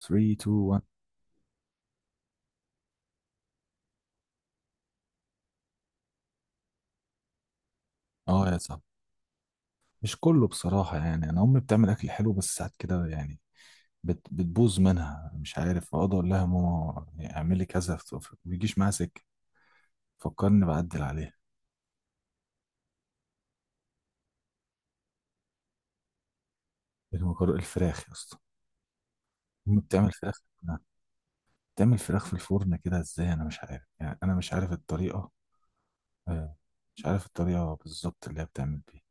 3 2 1. اه يا صاحبي. مش كله بصراحة، يعني انا امي بتعمل اكل حلو بس ساعات كده، يعني بتبوظ منها. مش عارف اقعد اقول لها ماما، يعني اعملي كذا، ما بيجيش معاها سكة. فكرني بعدل عليها. المكرونة الفراخ يا اسطى. امي بتعمل فراخ. بتعمل فراخ في الفرن كده، ازاي انا مش عارف يعني انا مش عارف الطريقة. آه، مش عارف الطريقة بالظبط اللي هي بتعمل بيها.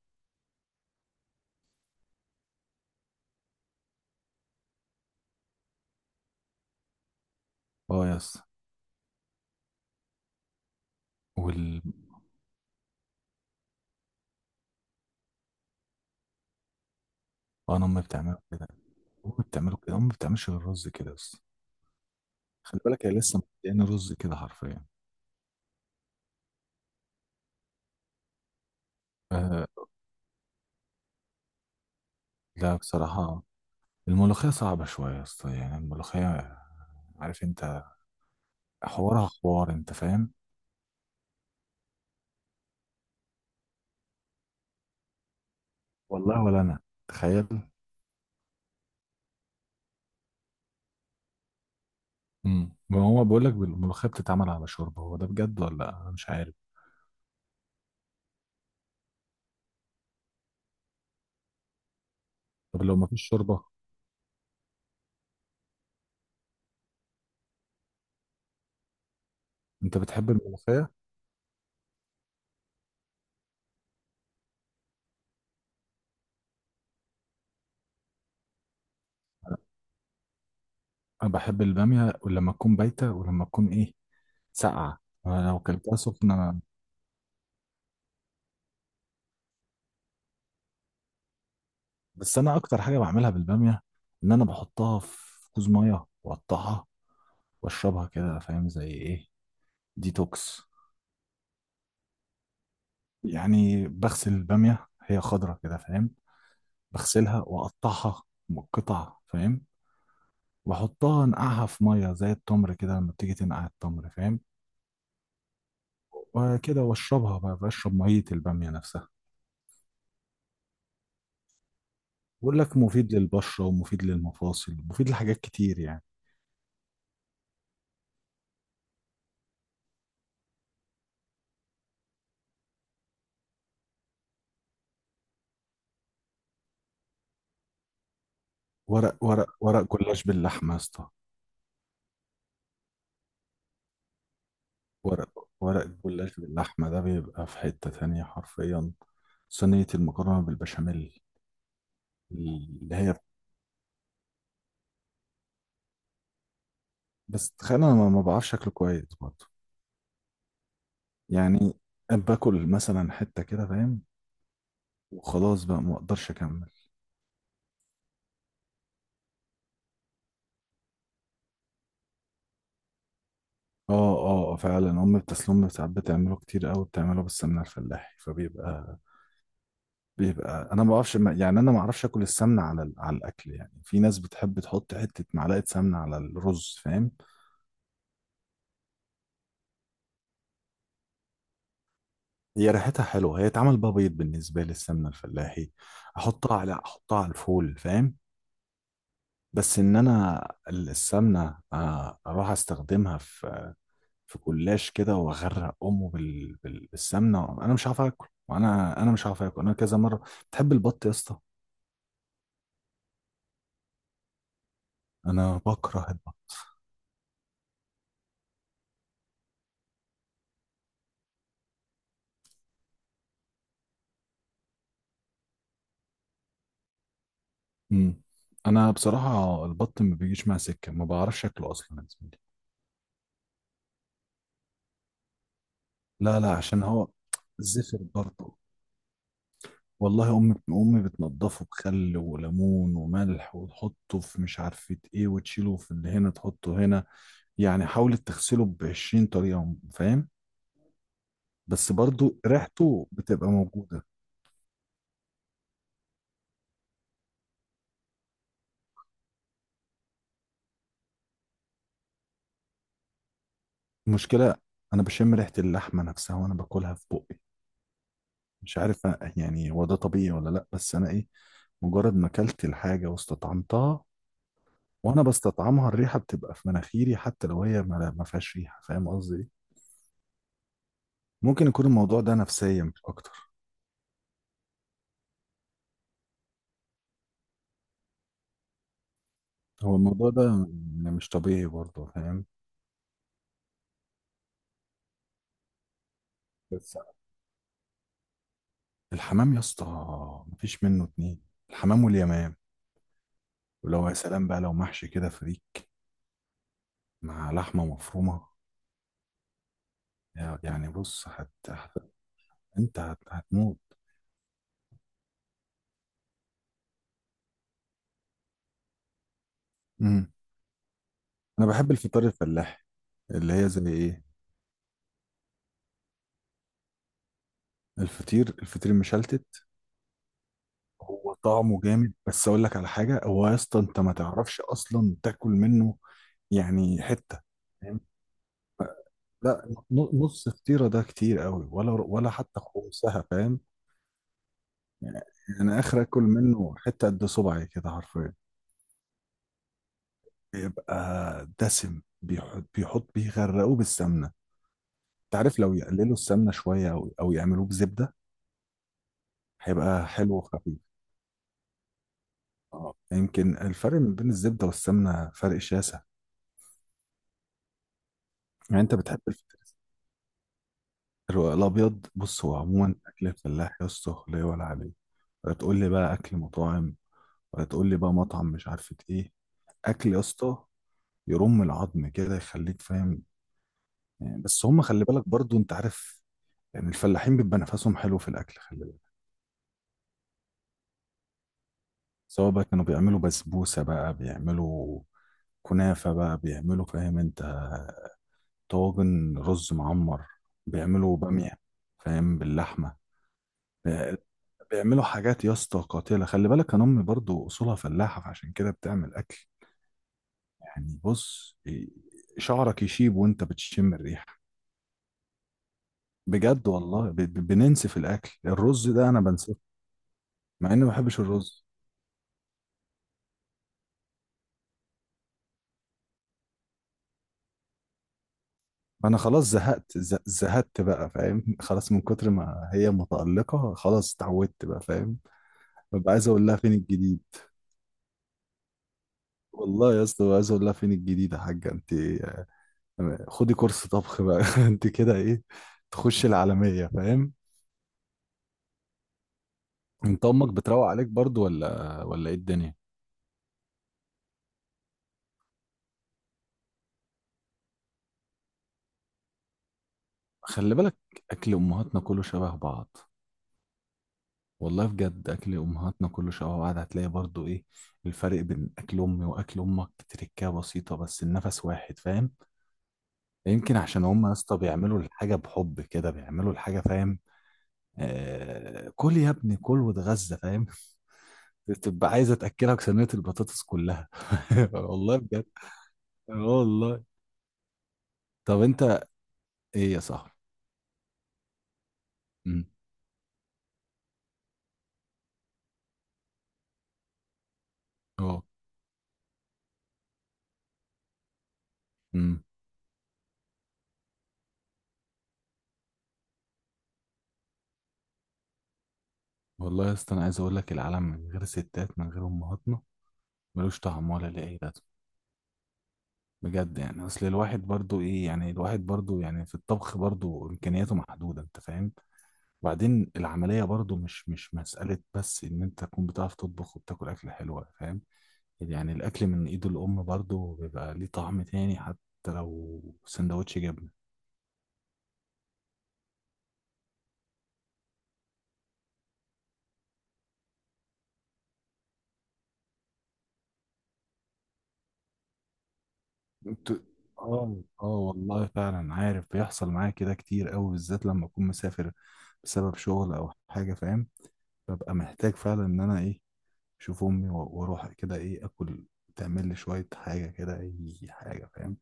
اه يا اسطى. وال انا امي بتعمله كده. امي بتعمله كده. امي بتعملش غير رز كده يا اسطى. خلي بالك هي لسه مدياني رز كده حرفيا. أه. لا بصراحة. الملوخية صعبة شوية يا اسطى، يعني الملوخية، عارف انت حوارها حوار، انت فاهم. والله ولا انا. تخيل. ما هو بيقول لك الملوخية بتتعمل على شوربة، هو ده بجد ولا لا؟ انا مش عارف. طب لو ما فيش شوربة؟ انت بتحب الملوخية؟ انا بحب البامية، ولما تكون بايتة، ولما تكون ايه، ساقعة. أنا لو كلتها سخنة. بس انا اكتر حاجة بعملها بالبامية، ان انا بحطها في كوز مية واقطعها واشربها كده. فاهم زي ايه؟ ديتوكس. يعني بغسل البامية، هي خضرة كده، فاهم. بغسلها وأقطعها قطع، فاهم، وأحطها أنقعها في مية زي التمر كده، لما بتيجي تنقع التمر، فاهم، وكده وأشربها بقى، بشرب مية البامية نفسها. بقول لك، مفيد للبشرة ومفيد للمفاصل، مفيد لحاجات كتير يعني. ورق جلاش باللحمة يا اسطى. ورق جلاش باللحمة ده بيبقى في حتة تانية حرفيا. صينية المكرونة بالبشاميل، اللي هي، بس تخيل أنا ما بعرفش أكله كويس برضه. يعني باكل مثلا حتة كده، فاهم، وخلاص بقى ما اقدرش اكمل. اه، اه، فعلا. ام بتسلم ساعات بتعمله كتير قوي، بتعمله بالسمنه الفلاحي، فبيبقى، بيبقى انا ما بعرفش، يعني انا ما اعرفش اكل السمنه على الاكل. يعني في ناس بتحب تحط حته معلقه سمنه على الرز، فاهم. هي ريحتها حلوه، هي اتعمل بقى بيض بالنسبه لي السمنه الفلاحي. احطها على الفول، فاهم. بس ان انا السمنه اروح استخدمها في في جلاش كده، واغرق امه بالسمنه. انا مش عارف اكل، وانا مش عارف اكل انا كذا مره. بتحب البط يا اسطى؟ انا بكره البط. امم انا بصراحه البط ما بيجيش مع سكه، ما بعرفش اكله اصلا يا زميلي. لا، لا، عشان هو زفر برضه. والله امي بتنضفه بخل وليمون وملح، وتحطه في مش عارفه ايه، وتشيله في اللي هنا، تحطه هنا، يعني حاولت تغسله ب 20 طريقه، فاهم، بس برضه ريحته بتبقى موجوده. المشكلة أنا بشم ريحة اللحمة نفسها وأنا باكلها في بقي. مش عارف يعني هو ده طبيعي ولا لأ؟ بس أنا، إيه، مجرد ما أكلت الحاجة واستطعمتها، وأنا بستطعمها، الريحة بتبقى في مناخيري، حتى لو هي ما فيهاش ريحة. فاهم قصدي إيه؟ ممكن يكون الموضوع ده نفسيا مش أكتر. هو الموضوع ده يعني مش طبيعي برضه، فاهم. بس الحمام يا اسطى، مفيش منه اتنين. الحمام واليمام. ولو يا سلام بقى لو محشي كده فريك مع لحمة مفرومة، يعني بص، انت هتموت. امم انا بحب الفطار الفلاحي، اللي هي زي ايه، الفطير المشلتت. هو طعمه جامد، بس اقول لك على حاجه، هو يا اسطى انت ما تعرفش اصلا تاكل منه، يعني حته، فاهم؟ لا، نص فطيره ده كتير قوي، ولا ولا حتى خمسها، فاهم. يعني انا اخر اكل منه حته قد صبعي كده حرفيا. بيبقى دسم، بيحط بيغرقوه بالسمنه. انت عارف لو يقللوا السمنه شويه، او يعملوه بزبده، هيبقى حلو وخفيف. اه، يمكن الفرق ما بين الزبدة والسمنة فرق شاسع. يعني انت بتحب الفترس، الرق الابيض؟ بص، هو عموما اكل الفلاح يا اسطى لا يعلى عليه. ولا تقول لي بقى اكل مطاعم، ولا تقول لي بقى مطعم مش عارفة ايه. اكل يا اسطى يرم العظم كده، يخليك فاهم. يعني بس هم، خلي بالك برضو، انت عارف، يعني الفلاحين بيبقى نفسهم حلو في الاكل، خلي بالك. سواء بقى كانوا بيعملوا بسبوسة، بقى بيعملوا كنافة، بقى بيعملوا، فاهم انت، طاجن رز معمر، بيعملوا بامية، فاهم، باللحمة. بي- بيعملوا حاجات يا اسطى قاتلة، خلي بالك. انا امي برضو اصولها فلاحة، فعشان كده بتعمل اكل، يعني بص، إيه، شعرك يشيب وانت بتشم الريحة. بجد والله، بننسى في الاكل. الرز ده انا بنساه، مع اني ما بحبش الرز. فانا خلاص زهقت، زهقت بقى، فاهم. خلاص من كتر ما هي متألقة، خلاص اتعودت بقى، فاهم. ببقى عايز اقول لها فين الجديد. والله يا اسطى ببقى عايز اقول لها فين الجديد، يا حاجة انت خدي كورس طبخ بقى. انت كده ايه، تخش العالمية، فاهم. انت امك بتروق عليك برضو ولا ايه الدنيا؟ خلي بالك، اكل امهاتنا كله شبه بعض. والله بجد اكل امهاتنا كله شبه بعض. هتلاقي برضو ايه، الفرق بين اكل امي واكل امك تركية بسيطة، بس النفس واحد، فاهم. يمكن عشان هم يا اسطى بيعملوا الحاجة بحب كده، بيعملوا الحاجة، فاهم. آه، كل يا ابني كل واتغذى، فاهم. تبقى عايزة تاكلك صينية البطاطس كلها. والله بجد. اه والله. طب انت ايه يا صاحبي؟ امم، اه، امم. والله يا اسطى انا عايز اقول لك، العالم من غير ستات، من غير امهاتنا، ملوش طعم ولا ليه اي لازمه. بجد. يعني اصل الواحد برضو ايه، يعني الواحد برضو يعني في الطبخ برضو امكانياته محدوده، انت فاهم. وبعدين العمليه برضو مش مساله بس ان انت تكون بتعرف تطبخ، وبتاكل اكل حلوه، فاهم. يعني الاكل من ايد الام برضو بيبقى ليه طعم تاني، حتى لو سندوتش جبنه. انت، اه، اه، والله فعلا. عارف بيحصل معايا كده كتير قوي، بالذات لما اكون مسافر بسبب شغل او حاجه، فاهم. ببقى محتاج فعلا ان انا، ايه، اشوف امي، واروح كده، ايه، اكل. تعمل لي شويه حاجه كده، اي حاجه، فاهم.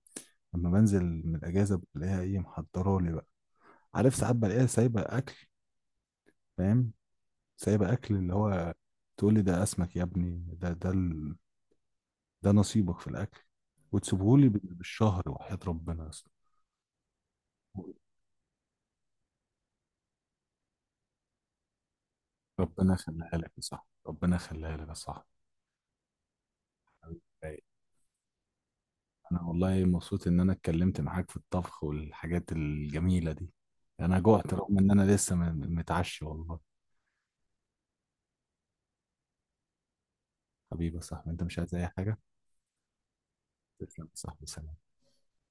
لما بنزل من الاجازه، بلاقيها ايه، محضره لي بقى. عارف ساعات بلاقيها سايبه اكل، فاهم، سايبه اكل اللي هو، تقول لي ده اسمك يا ابني، ده نصيبك في الاكل، وتسيبهولي بالشهر. وحياة ربنا يا اسطى، ربنا يخليها لك يا صاحبي، ربنا يخليها لك يا صاحبي. أي. انا والله مبسوط ان انا اتكلمت معاك في الطبخ والحاجات الجميلة دي. انا جوعت رغم ان انا لسه متعشي، والله. حبيبي يا صاحبي، انت مش عايز اي حاجة؟ تسلم يا صاحبي، سلام.